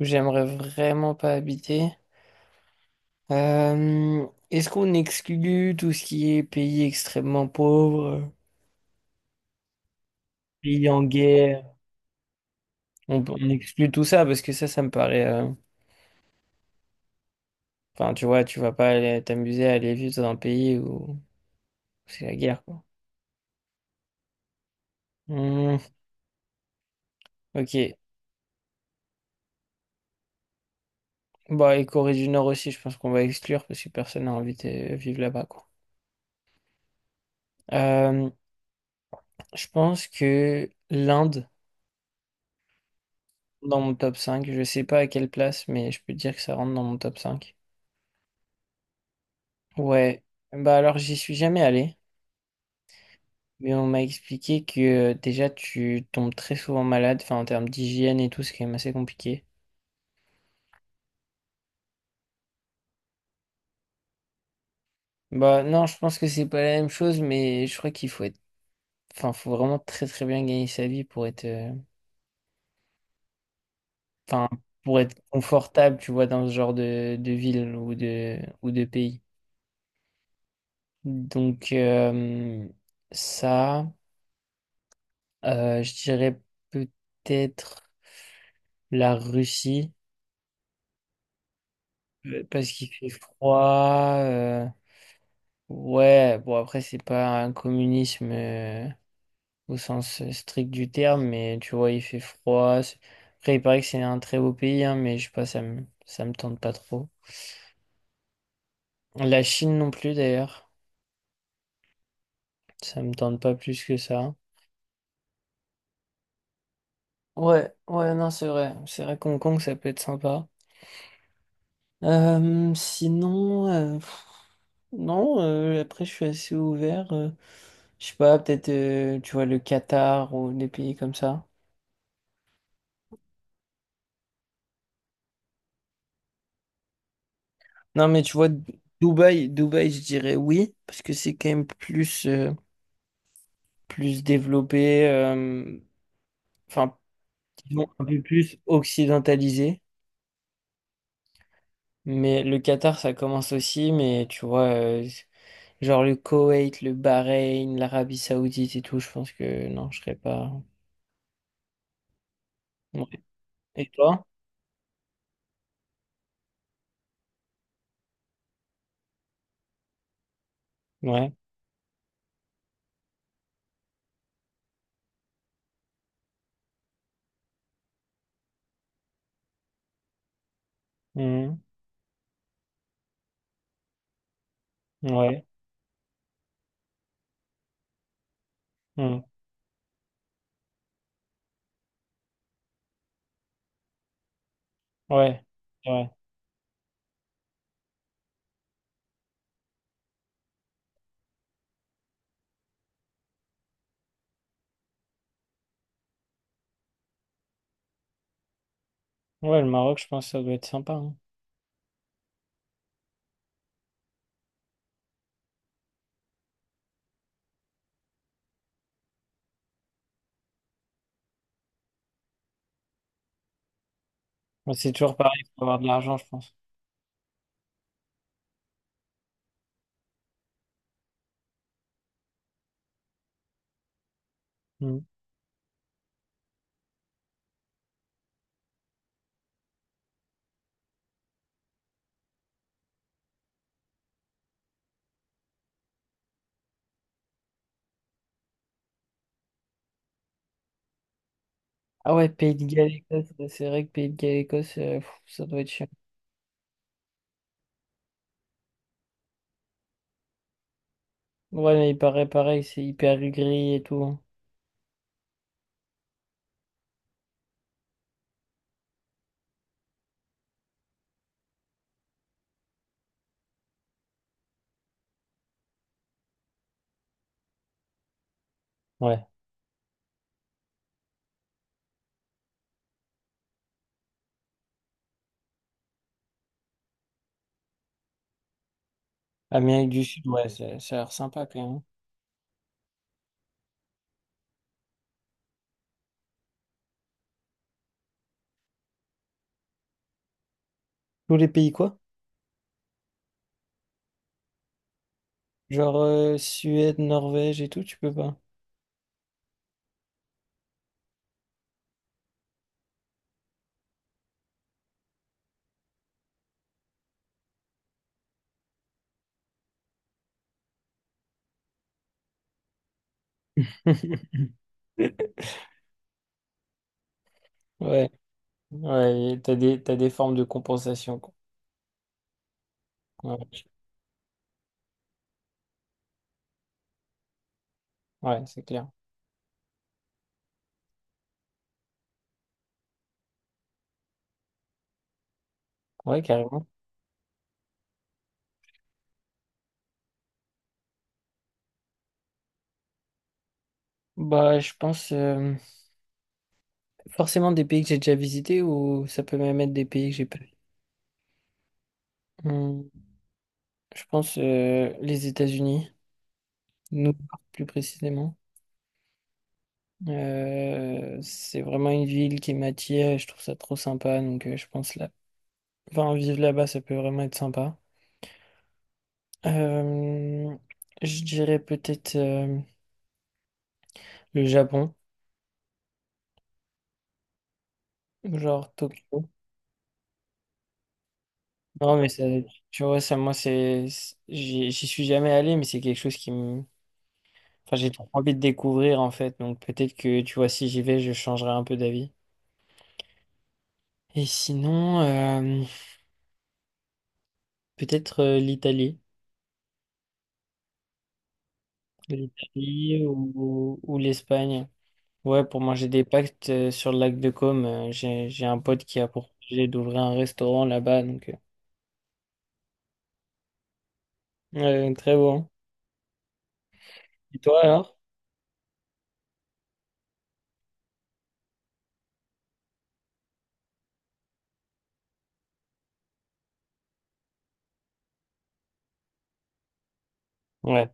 Où j'aimerais vraiment pas habiter. Euh, Est-ce qu'on exclut tout ce qui est pays extrêmement pauvres, pays en guerre? On exclut tout ça parce que ça me paraît. Enfin, tu vois, tu vas pas aller t'amuser à aller vivre dans un pays où c'est la guerre, quoi. Hmm, ok. Bah, et Corée du Nord aussi, je pense qu'on va exclure parce que personne n'a envie de vivre là-bas, quoi. Euh, je pense que l'Inde, dans mon top cinq, je sais pas à quelle place, mais je peux dire que ça rentre dans mon top cinq. Ouais, bah alors j'y suis jamais allé, mais on m'a expliqué que déjà tu tombes très souvent malade, enfin en termes d'hygiène et tout, c'est quand même assez compliqué. Bah non, je pense que c'est pas la même chose, mais je crois qu'il faut être, enfin faut vraiment très très bien gagner sa vie pour être, enfin pour être confortable, tu vois, dans ce genre de ville ou de pays. Donc ça, je dirais peut-être la Russie parce qu'il fait froid. Ouais, bon après c'est pas un communisme au sens strict du terme, mais tu vois il fait froid. Après il paraît que c'est un très beau pays, hein, mais je sais pas, ça me tente pas trop. La Chine non plus d'ailleurs, ça me tente pas plus que ça. Ouais, ouais non c'est vrai, c'est vrai qu'Hong Kong ça peut être sympa. Sinon, non après je suis assez ouvert. Je sais pas peut-être tu vois le Qatar ou des pays comme ça. Non, mais tu vois, Dubaï, je dirais oui, parce que c'est quand même plus, plus développé, enfin, disons, un peu plus occidentalisé. Mais le Qatar, ça commence aussi, mais tu vois, genre le Koweït, le Bahreïn, l'Arabie Saoudite et tout, je pense que non, je serais pas. Ouais. Et toi? Ouais. Mhm. Ouais. Mhm. Ouais. Ouais. Ouais, le Maroc, je pense que ça doit être sympa, hein. Mais c'est toujours pareil, il faut avoir de l'argent, je pense. Mhm. Ah ouais, Pays de Galles, Écosse, ouais, c'est vrai que Pays de Galles, Écosse, ça doit être chiant. Ouais, mais il paraît pareil, c'est hyper gris et tout, hein. Ouais. Amérique du Sud, ouais, ça a l'air sympa quand même. Tous les pays quoi? Genre Suède, Norvège et tout, tu peux pas. Ouais, ouais, et t'as des formes de compensation, quoi. Ouais, ouais, c'est clair. Ouais, carrément. Bah, je pense forcément des pays que j'ai déjà visités ou ça peut même être des pays que j'ai pas vus. Hum, je pense les États-Unis. New York, plus précisément. C'est vraiment une ville qui m'attire et je trouve ça trop sympa. Donc, je pense là, enfin, vivre là-bas, ça peut vraiment être sympa. Euh, je dirais peut-être le Japon, genre Tokyo. Non, mais ça, tu vois, ça, moi, j'y suis jamais allé, mais c'est quelque chose qui me, enfin, j'ai trop envie de découvrir en fait. Donc, peut-être que, tu vois, si j'y vais, je changerai un peu d'avis. Et sinon, peut-être l'Italie. L'Italie ou l'Espagne. Ouais, pour manger des pactes sur le lac de Côme, j'ai un pote qui a pour projet d'ouvrir un restaurant là-bas, donc ouais, très bon. Et toi alors? Ouais.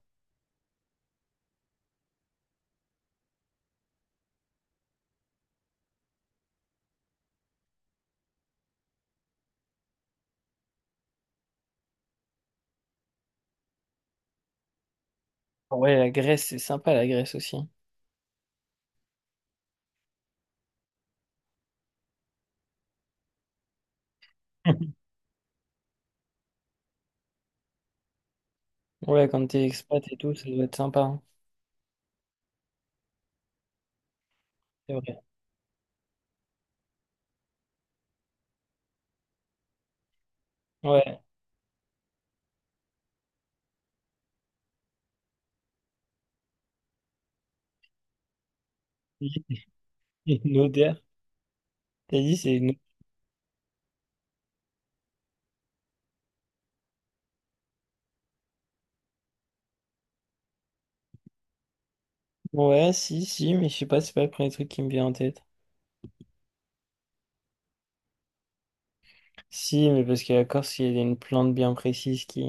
Ouais, la Grèce, c'est sympa la Grèce aussi. Ouais, quand t'es expat et tout, ça doit être sympa, hein. C'est vrai. Ouais. Une odeur. T'as dit c'est une... Ouais, si, si, mais je sais pas, c'est pas le premier truc qui me vient en tête. Si, mais parce que la Corse, il y a une plante bien précise qui...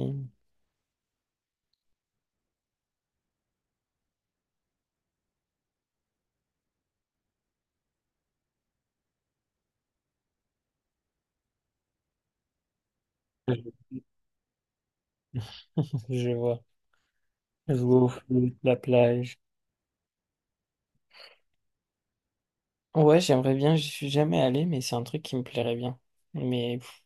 Je vois. Jouer au foot, la plage. Ouais, j'aimerais bien, j'y suis jamais allé, mais c'est un truc qui me plairait bien. Mais pff,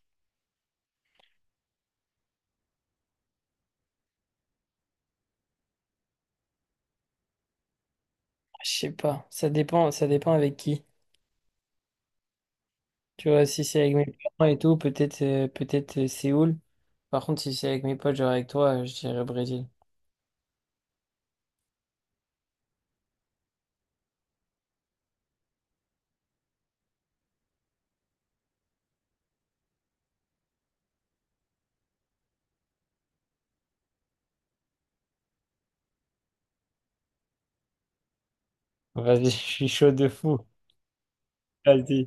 je sais pas, ça dépend avec qui. Tu vois, si c'est avec mes parents et tout, peut-être Séoul. Par contre, si c'est avec mes potes, genre avec toi, je dirais Brésil. Vas-y, je suis chaud de fou. Vas-y.